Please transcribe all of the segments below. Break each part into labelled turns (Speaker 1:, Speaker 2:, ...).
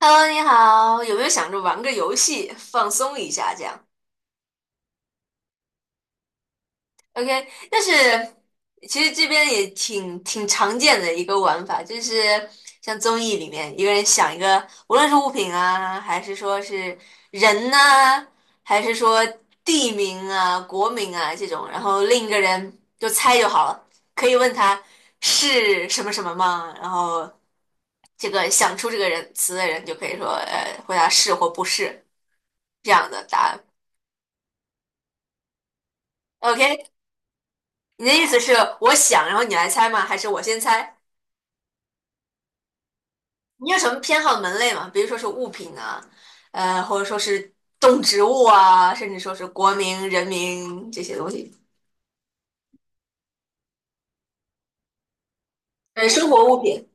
Speaker 1: Hello，你好，有没有想着玩个游戏放松一下这样？OK，但是其实这边也挺常见的一个玩法，就是像综艺里面一个人想一个，无论是物品啊，还是说是人呐、还是说地名啊、国名啊这种，然后另一个人就猜就好了，可以问他是什么什么吗？然后这个想出这个人词的人就可以说，回答是或不是这样的答案。OK，你的意思是我想，然后你来猜吗？还是我先猜？你有什么偏好门类吗？比如说是物品啊，或者说是动植物啊，甚至说是国民、人民这些东西，生活物品。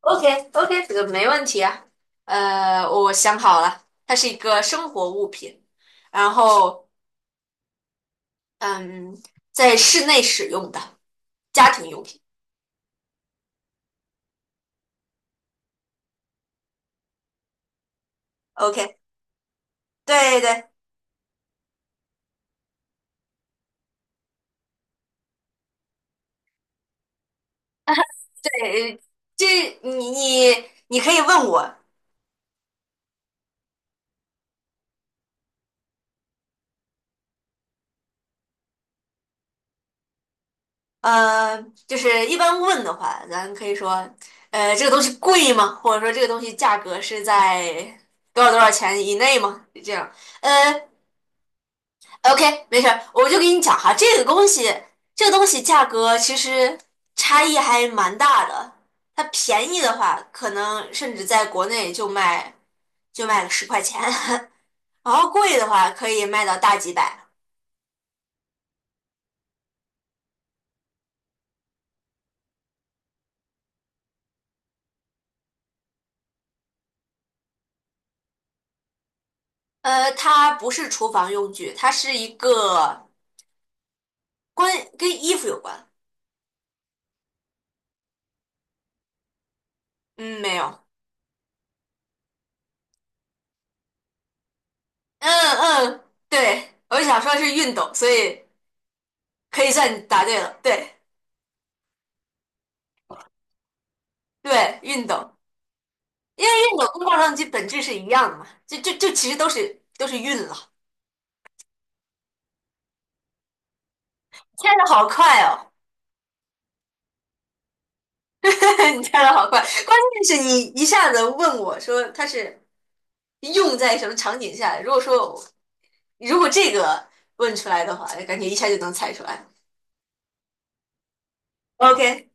Speaker 1: OK OK，这个没问题啊。我想好了，它是一个生活物品，然后嗯，在室内使用的家庭用品。OK，对对对，这你可以问我，呃，就是一般问的话，咱可以说，这个东西贵吗？或者说这个东西价格是在多少多少钱以内吗？就这样，呃，OK，没事儿，我就给你讲哈，这个东西，这个东西价格其实差异还蛮大的。它便宜的话，可能甚至在国内就卖个10块钱，然后贵的话可以卖到大几百。它不是厨房用具，它是一个关跟衣服有关。嗯，没有。嗯嗯，对，我想说是运动，所以可以算你答对了。对对，运动，因为运动跟照相机本质是一样的嘛，就就就其实都是运了。猜的好快哦，你猜的好快，关键是你一下子问我说它是用在什么场景下。如果说我如果这个问出来的话，感觉一下就能猜出来。OK，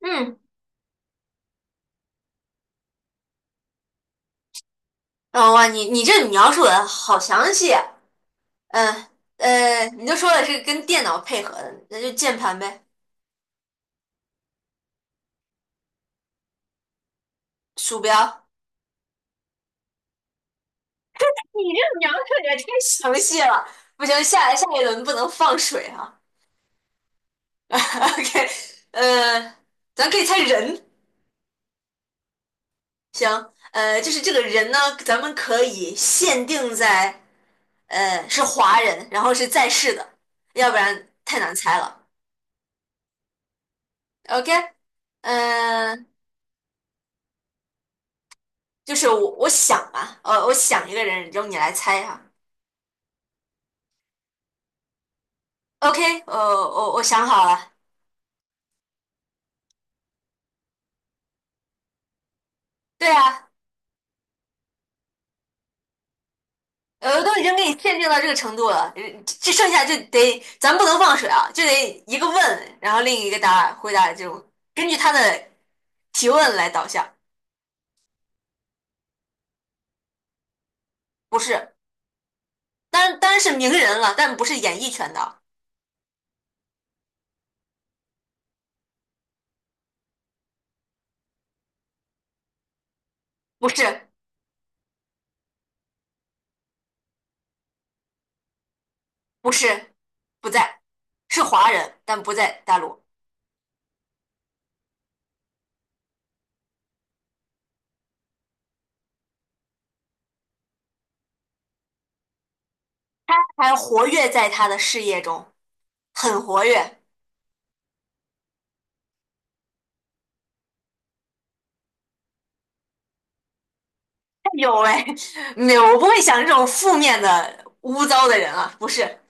Speaker 1: 嗯，哦哇，你这描述的好详细啊。嗯。你就说了是跟电脑配合的，那就键盘呗，鼠标。你这个描述也太详细了，不行，下一轮不能放水啊。OK，呃，咱可以猜人，行，就是这个人呢，咱们可以限定在，是华人，然后是在世的，要不然太难猜了。OK，嗯、就是我想吧，我想一个人，由你来猜哈、OK，我想好了，对啊，都已经给你限定到这个程度了，这剩下就得咱不能放水啊，就得一个问，然后另一个答回答就根据他的提问来导向，不是，当然是名人了，但不是演艺圈的，不是，不是，不在，是华人，但不在大陆，还活跃在他的事业中，很活跃。哎呦喂，没有，我不会想这种负面的污糟的人啊，不是。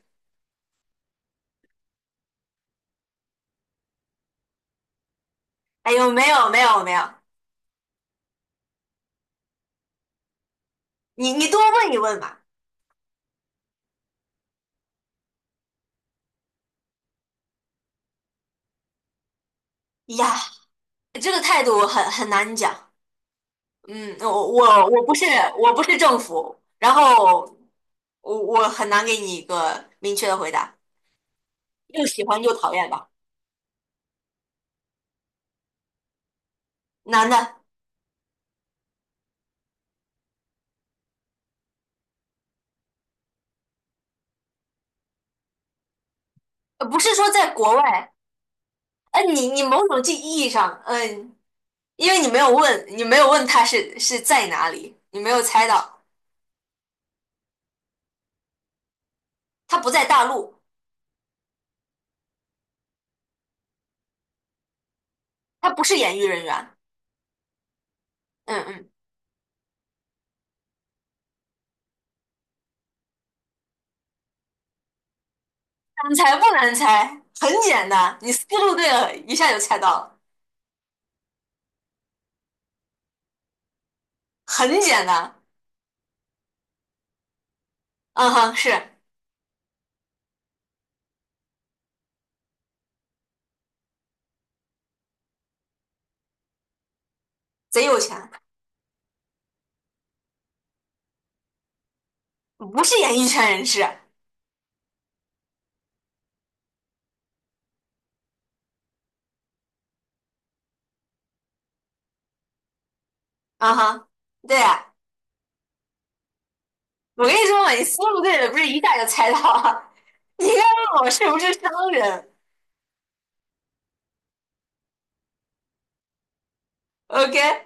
Speaker 1: 哎呦，没有没有没有，你你多问一问吧。呀，这个态度很难讲。嗯，我不是我不是政府，然后我很难给你一个明确的回答，又喜欢又讨厌吧。男的，不是说在国外，哎、你你某种意义上，嗯、因为你没有问，你没有问他是在哪里，你没有猜到，他不在大陆，他不是演艺人员。嗯嗯，难猜不难猜，很简单，你思路对了，一下就猜到了，很简单。嗯哼，是贼有钱，不是演艺圈人士。嗯哼，对呀，我跟你说嘛，你思路对了，不是一下就猜到了？你应该问我是不是商人？OK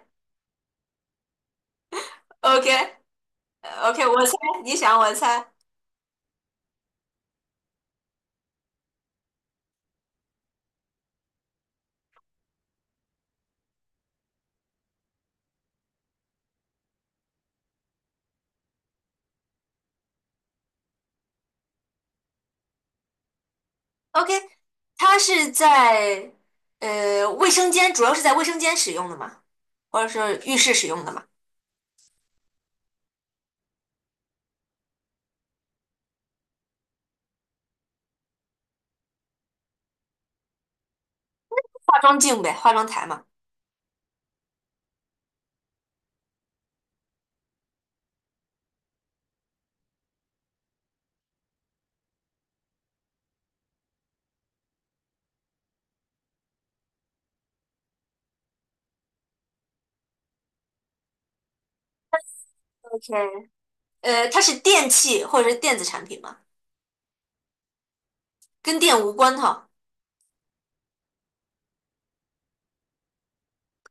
Speaker 1: OK OK，我猜，你想我猜。OK，他是在卫生间，主要是在卫生间使用的嘛，或者是浴室使用的嘛，化妆镜呗，化妆台嘛。OK，它是电器或者是电子产品嘛，跟电无关哈。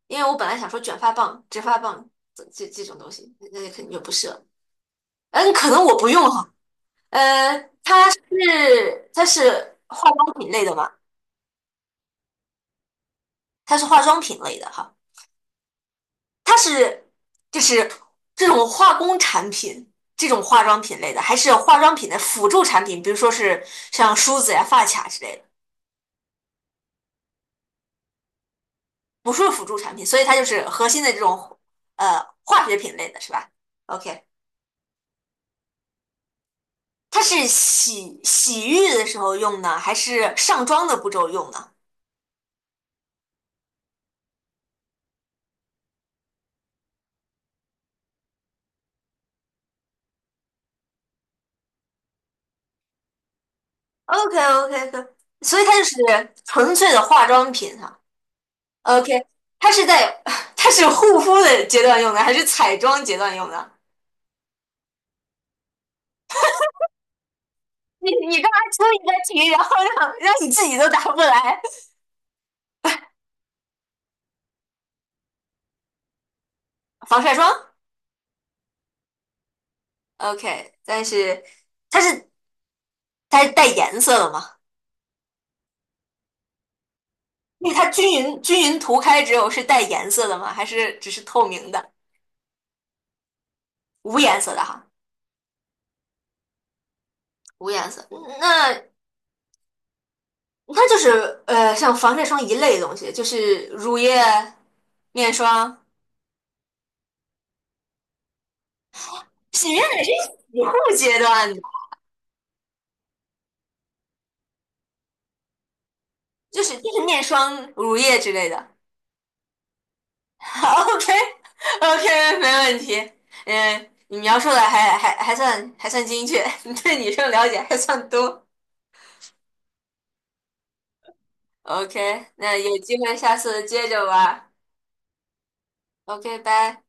Speaker 1: 因为我本来想说卷发棒、直发棒这这种东西，那肯定就不是了。嗯，可能我不用哈。呃，它是化妆品类的嘛，它是化妆品类的哈，它是就是这种化工产品，这种化妆品类的，还是化妆品的辅助产品，比如说是像梳子呀、发卡之类的，不是辅助产品，所以它就是核心的这种化学品类的是吧？OK。它是洗洗浴的时候用呢，还是上妆的步骤用呢 o k o k o k 所以它就是纯粹的化妆品哈。OK，它是在 它是护肤的阶段用的，还是彩妆阶段用的？你你干嘛出一个题，然后让你自己都答不来？防晒霜，OK，但是它是它是带颜色的吗？因为它均匀涂开之后是带颜色的吗？还是只是透明的，无颜色的哈？无颜色。那它就是呃，像防晒霜一类的东西，就是乳液、面霜。洗面奶是洗护阶段的，就是面霜、乳液之类的。OK OK，没问题。嗯，你描述的还算还算精确，你对女生了解还算多。OK，那有机会下次接着玩。 OK，拜。